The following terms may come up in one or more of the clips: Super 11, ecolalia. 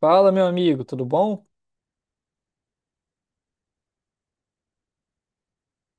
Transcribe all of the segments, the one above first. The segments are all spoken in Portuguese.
Fala, meu amigo, tudo bom?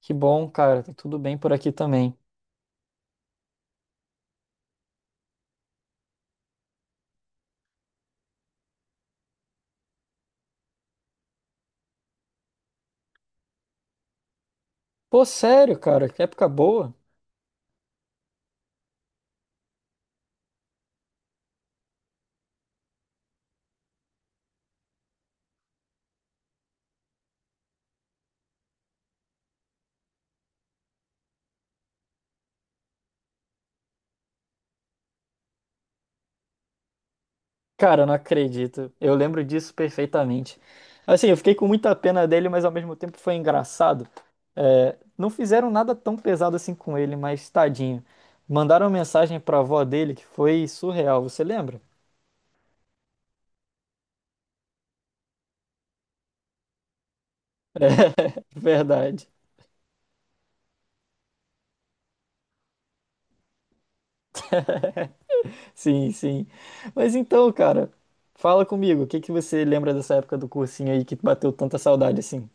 Que bom, cara, tá tudo bem por aqui também. Pô, sério, cara, que época boa. Cara, eu não acredito. Eu lembro disso perfeitamente. Assim, eu fiquei com muita pena dele, mas ao mesmo tempo foi engraçado. É, não fizeram nada tão pesado assim com ele, mas tadinho. Mandaram uma mensagem pra avó dele que foi surreal, você lembra? Verdade. Sim, sim. Mas então, cara, fala comigo, o que que você lembra dessa época do cursinho aí que bateu tanta saudade assim?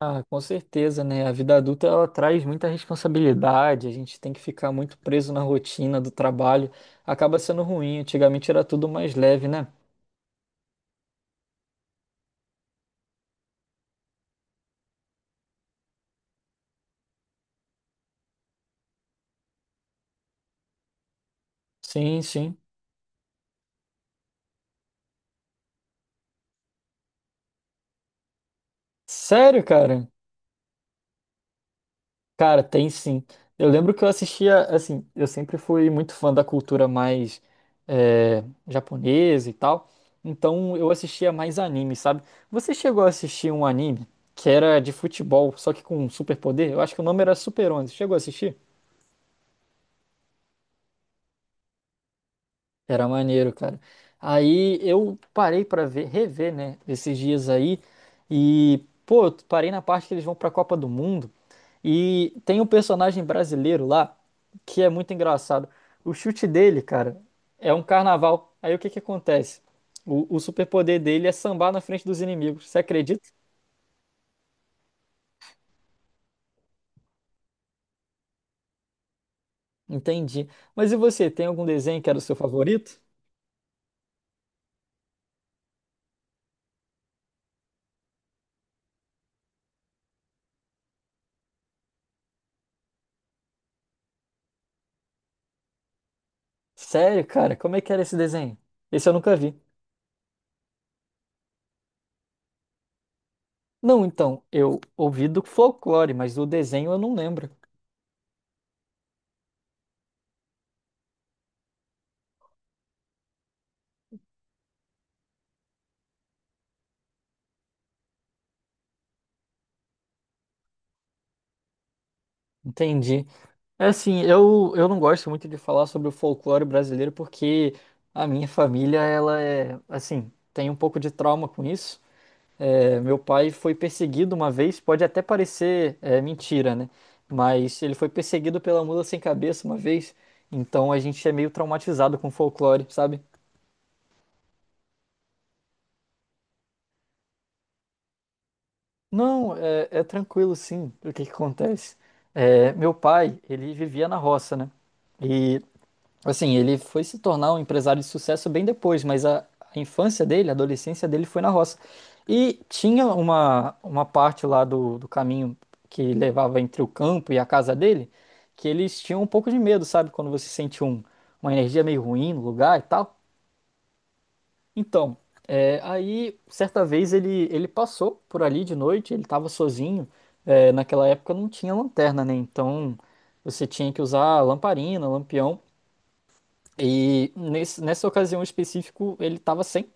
Ah, com certeza, né? A vida adulta ela traz muita responsabilidade, a gente tem que ficar muito preso na rotina do trabalho, acaba sendo ruim. Antigamente era tudo mais leve, né? Sim, sim. Sério, cara? Cara, tem sim. Eu lembro que eu assistia, assim, eu sempre fui muito fã da cultura mais é, japonesa e tal, então eu assistia mais anime, sabe? Você chegou a assistir um anime que era de futebol, só que com um superpoder? Eu acho que o nome era Super 11. Chegou a assistir? Era maneiro, cara. Aí eu parei pra ver, rever, né, esses dias aí e, pô, eu parei na parte que eles vão pra Copa do Mundo e tem um personagem brasileiro lá que é muito engraçado. O chute dele, cara, é um carnaval. Aí o que que acontece? O superpoder dele é sambar na frente dos inimigos. Você acredita? Entendi. Mas e você, tem algum desenho que era o seu favorito? Sério, cara? Como é que era esse desenho? Esse eu nunca vi. Não, então, eu ouvi do folclore, mas do desenho eu não lembro. Entendi. É assim, eu não gosto muito de falar sobre o folclore brasileiro porque a minha família, ela é, assim, tem um pouco de trauma com isso. É, meu pai foi perseguido uma vez, pode até parecer mentira, né? Mas ele foi perseguido pela mula sem cabeça uma vez, então a gente é meio traumatizado com folclore, sabe? Não, é, é tranquilo sim. O que que acontece? É, meu pai, ele vivia na roça, né? E, assim, ele foi se tornar um empresário de sucesso bem depois, mas a infância dele, a adolescência dele foi na roça. E tinha uma parte lá do caminho que levava entre o campo e a casa dele, que eles tinham um pouco de medo, sabe? Quando você sente uma energia meio ruim no lugar e tal. Então. É, aí, certa vez, ele passou por ali de noite, ele estava sozinho. É, naquela época não tinha lanterna, né? Então você tinha que usar lamparina, lampião. E nessa ocasião em específico, ele estava sem,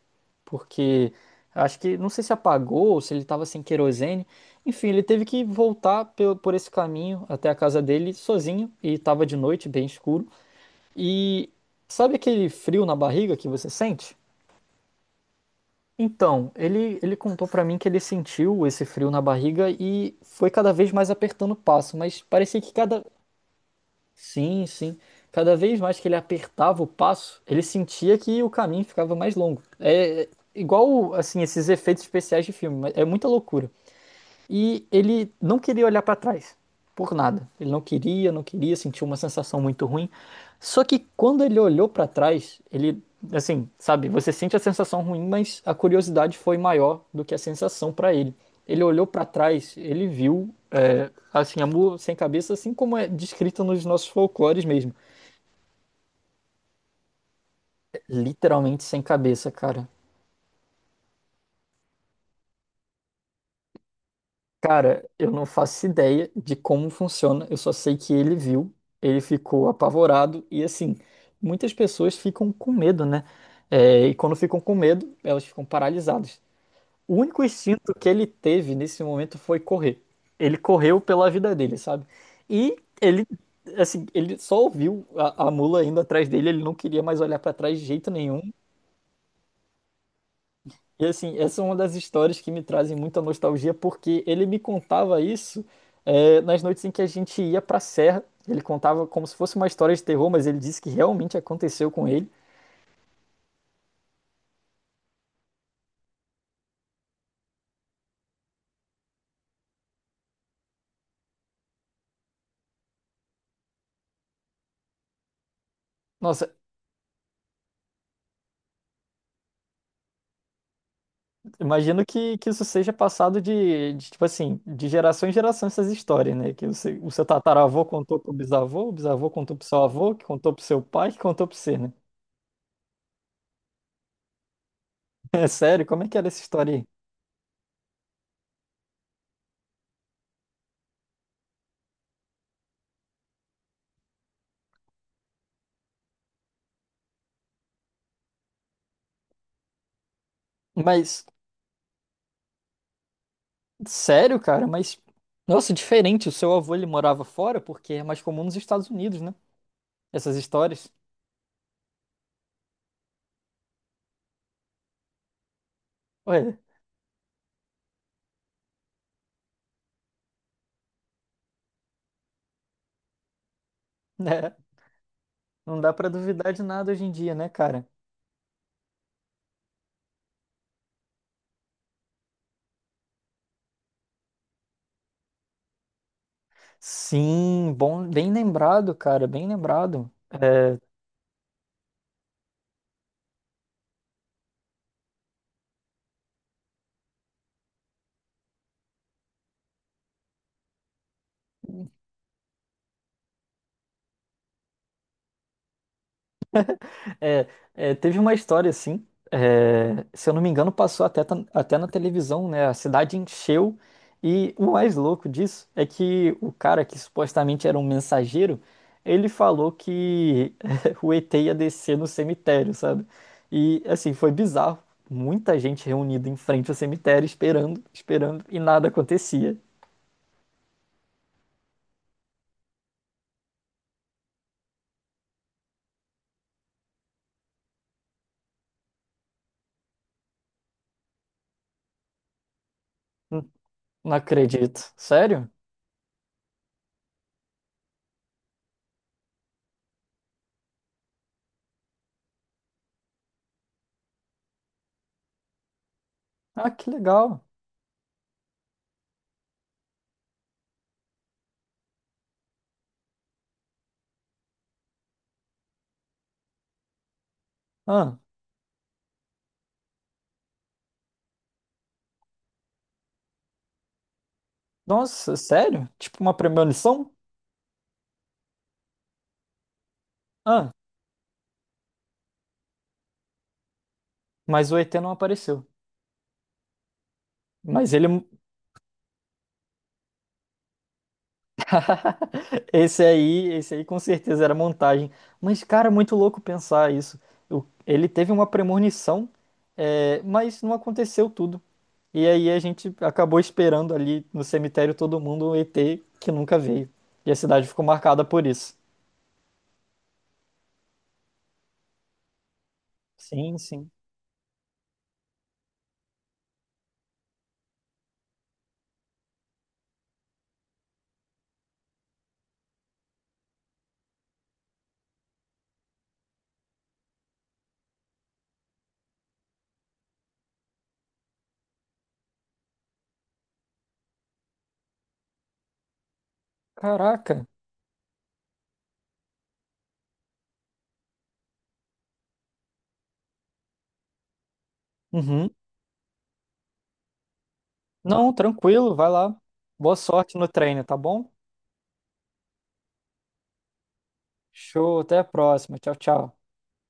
porque acho que, não sei se apagou ou se ele estava sem querosene. Enfim, ele teve que voltar por esse caminho até a casa dele sozinho, e estava de noite, bem escuro. E sabe aquele frio na barriga que você sente? Então, ele contou pra mim que ele sentiu esse frio na barriga e foi cada vez mais apertando o passo, mas parecia que cada. Sim, sim. Cada vez mais que ele apertava o passo, ele sentia que o caminho ficava mais longo. É igual, assim, esses efeitos especiais de filme, mas é muita loucura. E ele não queria olhar para trás, por nada. Ele não queria, não queria, sentiu uma sensação muito ruim. Só que quando ele olhou para trás, ele, assim, sabe, você sente a sensação ruim, mas a curiosidade foi maior do que a sensação para ele. Ele olhou para trás, ele viu, assim, a mula sem cabeça, assim como é descrita nos nossos folclores mesmo. Literalmente sem cabeça, cara. Cara, eu não faço ideia de como funciona, eu só sei que ele viu, ele ficou apavorado e assim, muitas pessoas ficam com medo, né? É, e quando ficam com medo, elas ficam paralisadas. O único instinto que ele teve nesse momento foi correr. Ele correu pela vida dele, sabe? E ele, assim, ele só ouviu a mula indo atrás dele, ele não queria mais olhar pra trás de jeito nenhum e assim, essa é uma das histórias que me trazem muita nostalgia, porque ele me contava isso nas noites em que a gente ia pra serra. Ele contava como se fosse uma história de terror, mas ele disse que realmente aconteceu com ele. Nossa, imagino que isso seja passado tipo assim, de geração em geração essas histórias, né? Que o seu tataravô contou pro bisavô, o bisavô contou pro seu avô, que contou pro seu pai, que contou pro você, né? É sério, como é que era essa história aí? Mas sério, cara, mas. Nossa, diferente. O seu avô ele morava fora porque é mais comum nos Estados Unidos, né? Essas histórias. Ué, né? Não dá pra duvidar de nada hoje em dia, né, cara? Sim, bom, bem lembrado, cara, bem lembrado. É, É, teve uma história assim, se eu não me engano, passou até, até na televisão, né? A cidade encheu. E o mais louco disso é que o cara que supostamente era um mensageiro, ele falou que o ET ia descer no cemitério, sabe? E assim, foi bizarro. Muita gente reunida em frente ao cemitério esperando, esperando, e nada acontecia. Hum, Não acredito. Sério? Ah, que legal. Ah, nossa, sério? Tipo uma premonição? Mas o ET não apareceu. Mas ele, esse aí com certeza era montagem. Mas, cara, é muito louco pensar isso. Ele teve uma premonição, mas não aconteceu tudo. E aí a gente acabou esperando ali no cemitério todo mundo um ET que nunca veio. E a cidade ficou marcada por isso. Sim, sim. Caraca. Uhum. Não, tranquilo, vai lá. Boa sorte no treino, tá bom? Show, até a próxima. Tchau, tchau.